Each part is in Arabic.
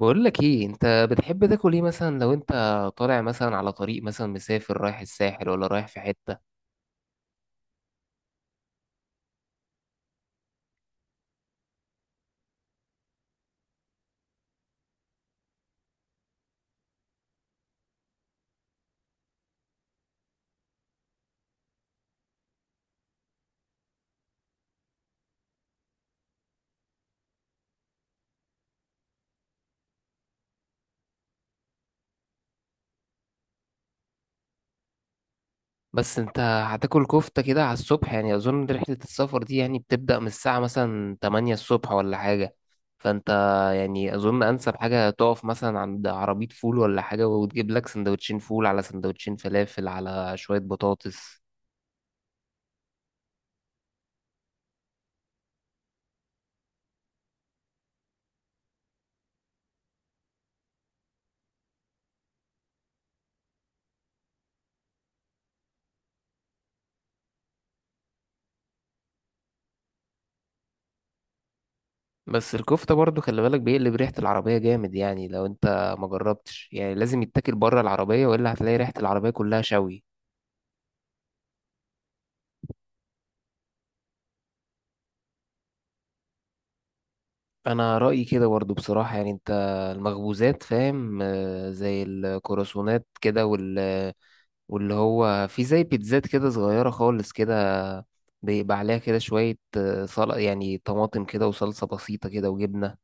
بقول لك ايه، انت بتحب تاكل ايه مثلا لو انت طالع مثلا على طريق، مثلا مسافر رايح الساحل ولا رايح في حتة. بس انت هتاكل كفتة كده على الصبح؟ يعني اظن رحلة السفر دي يعني بتبدأ من الساعة مثلا 8 الصبح ولا حاجة. فانت يعني اظن انسب حاجة تقف مثلا عند عربية فول ولا حاجة، وتجيب لك سندوتشين فول على سندوتشين فلافل على شوية بطاطس. بس الكفتة برضو خلي بالك بيقلب ريحة العربية جامد. يعني لو انت ما جربتش، يعني لازم يتاكل بره العربية، والا هتلاقي ريحة العربية كلها شوي. انا رأيي كده برضو بصراحة. يعني انت المخبوزات فاهم، زي الكرواسونات كده، واللي هو في زي بيتزات كده صغيرة خالص كده، بيبقى عليها كده شوية، يعني طماطم كده وصلصة بسيطة كده وجبنة.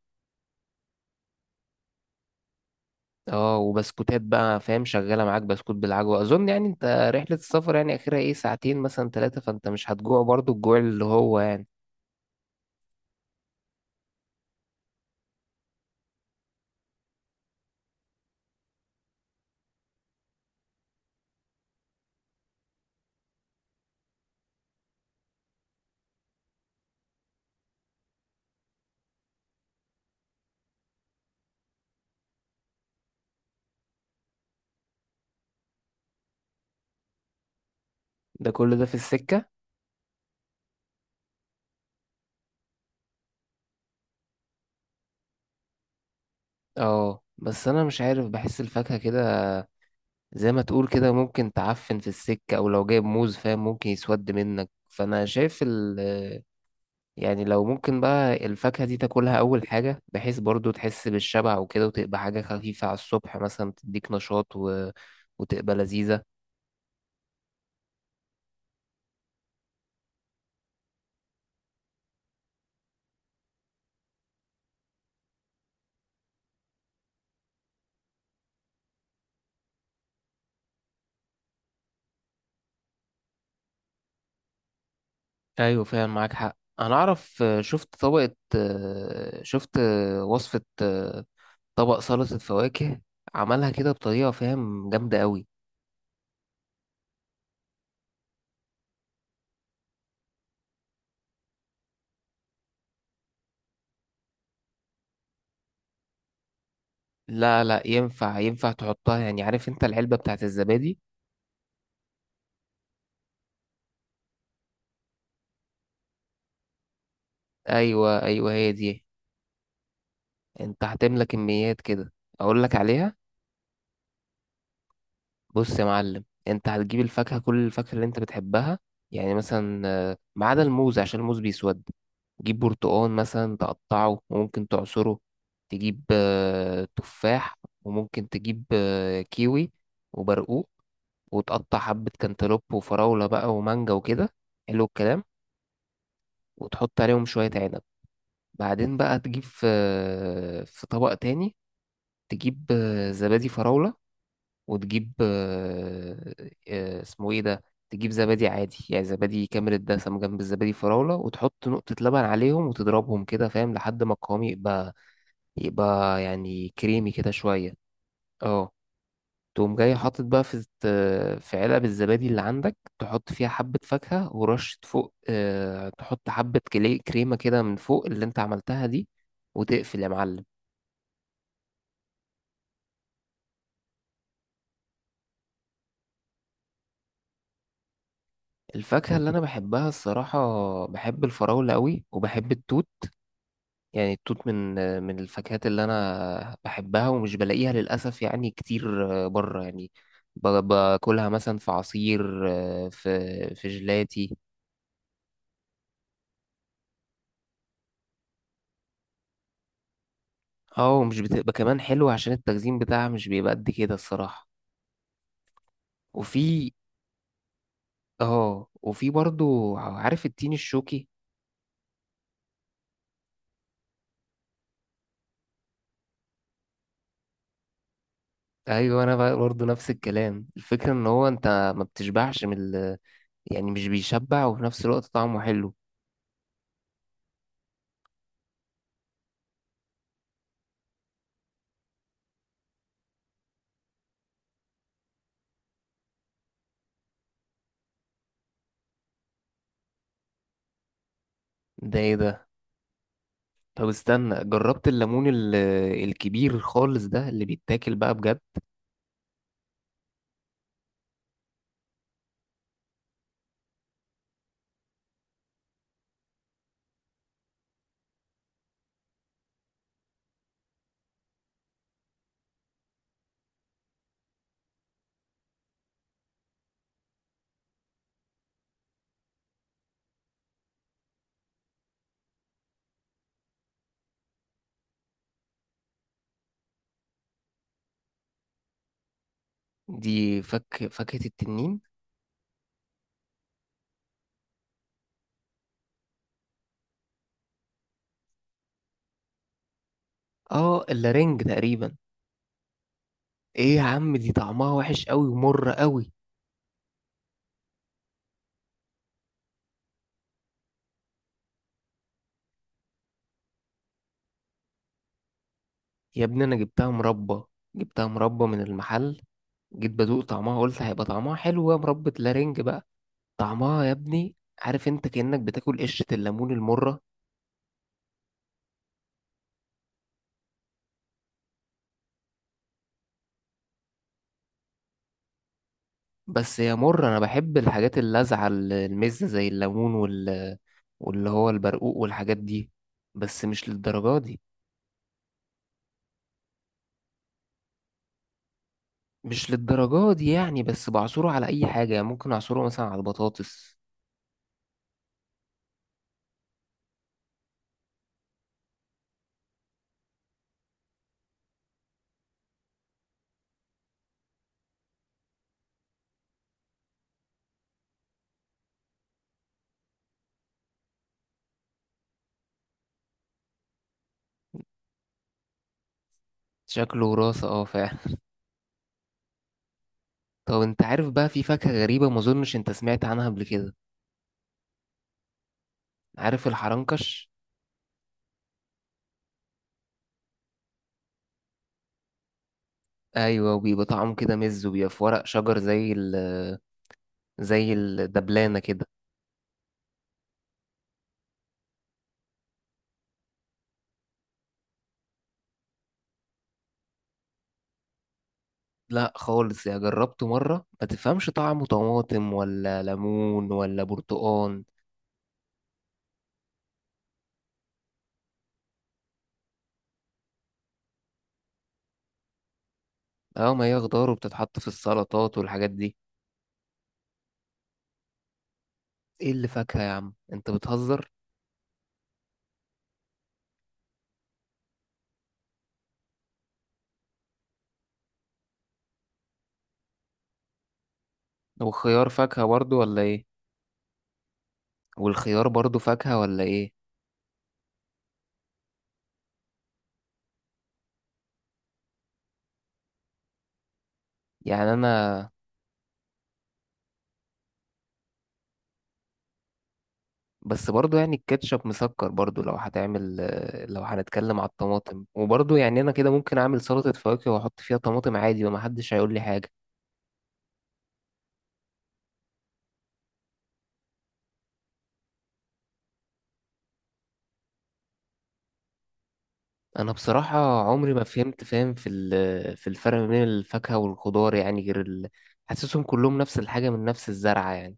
اه، وبسكوتات بقى، فاهم؟ شغاله معاك بسكوت بالعجوه. اظن يعني انت رحله السفر يعني اخرها ايه؟ ساعتين مثلا ثلاثه، فانت مش هتجوع برضو، الجوع اللي هو يعني... ده كل ده في السكه. اه، بس انا مش عارف، بحس الفاكهه كده زي ما تقول كده ممكن تعفن في السكه، او لو جايب موز فاهم ممكن يسود منك. فانا شايف يعني لو ممكن بقى الفاكهه دي تاكلها اول حاجه، بحيث برضو تحس بالشبع وكده، وتبقى حاجه خفيفه على الصبح مثلا تديك نشاط وتبقى لذيذه. ايوه فعلا معاك حق. انا اعرف، شفت وصفة طبق سلطة فواكه، عملها كده بطريقة فاهم جامدة قوي. لا لا، ينفع ينفع تحطها. يعني عارف انت العلبة بتاعت الزبادي؟ ايوه ايوه، هي دي. انت هتملى كميات كده، اقول لك عليها. بص يا معلم، انت هتجيب الفاكهة، كل الفاكهة اللي انت بتحبها. يعني مثلا، ما عدا الموز عشان الموز بيسود. تجيب برتقان مثلا، تقطعه وممكن تعصره. تجيب تفاح، وممكن تجيب كيوي وبرقوق، وتقطع حبة كانتالوب وفراولة بقى ومانجا وكده. حلو الكلام. وتحط عليهم شوية عنب. بعدين بقى تجيب في، في طبق تاني. تجيب زبادي فراولة، وتجيب اسمه ايه ده؟ تجيب زبادي عادي، يعني زبادي كامل الدسم جنب الزبادي فراولة، وتحط نقطة لبن عليهم وتضربهم كده فاهم، لحد ما القوام يبقى، يبقى يعني كريمي كده شوية. اه. تقوم جاي حاطط بقى في علب الزبادي اللي عندك، تحط فيها حبة فاكهة ورشة فوق. اه، تحط حبة كريمة كده من فوق اللي انت عملتها دي، وتقفل يا معلم. الفاكهة اللي أنا بحبها الصراحة، بحب الفراولة أوي، وبحب التوت. يعني التوت من الفاكهات اللي انا بحبها، ومش بلاقيها للاسف يعني كتير بره يعني. باكلها مثلا في عصير، في في جيلاتي. اه، ومش بتبقى كمان حلوة عشان التخزين بتاعها مش بيبقى قد كده الصراحة. وفي اه وفي برضو، عارف التين الشوكي؟ ايوه، انا بقى برضو نفس الكلام. الفكرة ان هو انت ما بتشبعش من يعني مش بيشبع، وفي نفس الوقت طعمه حلو. ده ايه ده؟ طب استنى، جربت الليمون الكبير خالص ده اللي بيتاكل بقى بجد؟ دي فاكهة التنين. اه، اللارنج تقريبا. ايه يا عم، دي طعمها وحش قوي ومر قوي. يا ابني، انا جبتها مربى. جبتها مربى من المحل. جيت بدوق طعمها، قلت هيبقى طعمها حلو، يا مربى لارنج بقى. طعمها يا ابني... عارف انت، كأنك بتاكل قشرة الليمون المرة. بس هي مر. انا بحب الحاجات اللاذعه، المزه زي الليمون، واللي هو البرقوق والحاجات دي، بس مش للدرجه دي. مش للدرجه دي يعني، بس بعصره على اي حاجه يعني، ممكن اعصره مثلا على البطاطس. شكله وراثه، اه فعلا. طب انت عارف بقى، في فاكهه غريبه ما اظنش انت سمعت عنها قبل كده. عارف الحرنكش؟ ايوه، وبيبقى طعمه كده مز، وبيبقى في ورق شجر زي الدبلانه كده. لا خالص يا، جربته مرة ما تفهمش طعمه، طماطم ولا ليمون ولا برتقان. اه، ما هي خضار وبتتحط في السلطات والحاجات دي. ايه اللي فاكهة يا عم، انت بتهزر. والخيار فاكهة برضو ولا ايه؟ والخيار برضو فاكهة ولا ايه؟ يعني انا... بس برضو يعني الكاتشب مسكر برضو. لو هنتكلم على الطماطم، وبرضو يعني انا كده ممكن اعمل سلطة فواكه واحط فيها طماطم عادي ومحدش هيقول لي حاجة. انا بصراحه عمري ما فهمت، فاهم، في الفرق ما بين الفاكهه والخضار يعني، غير حاسسهم كلهم نفس الحاجه من نفس الزرعه يعني.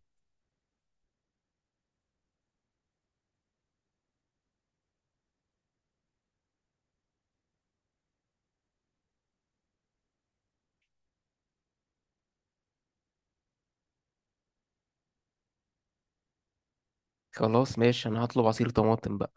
خلاص ماشي، انا هطلب عصير طماطم بقى.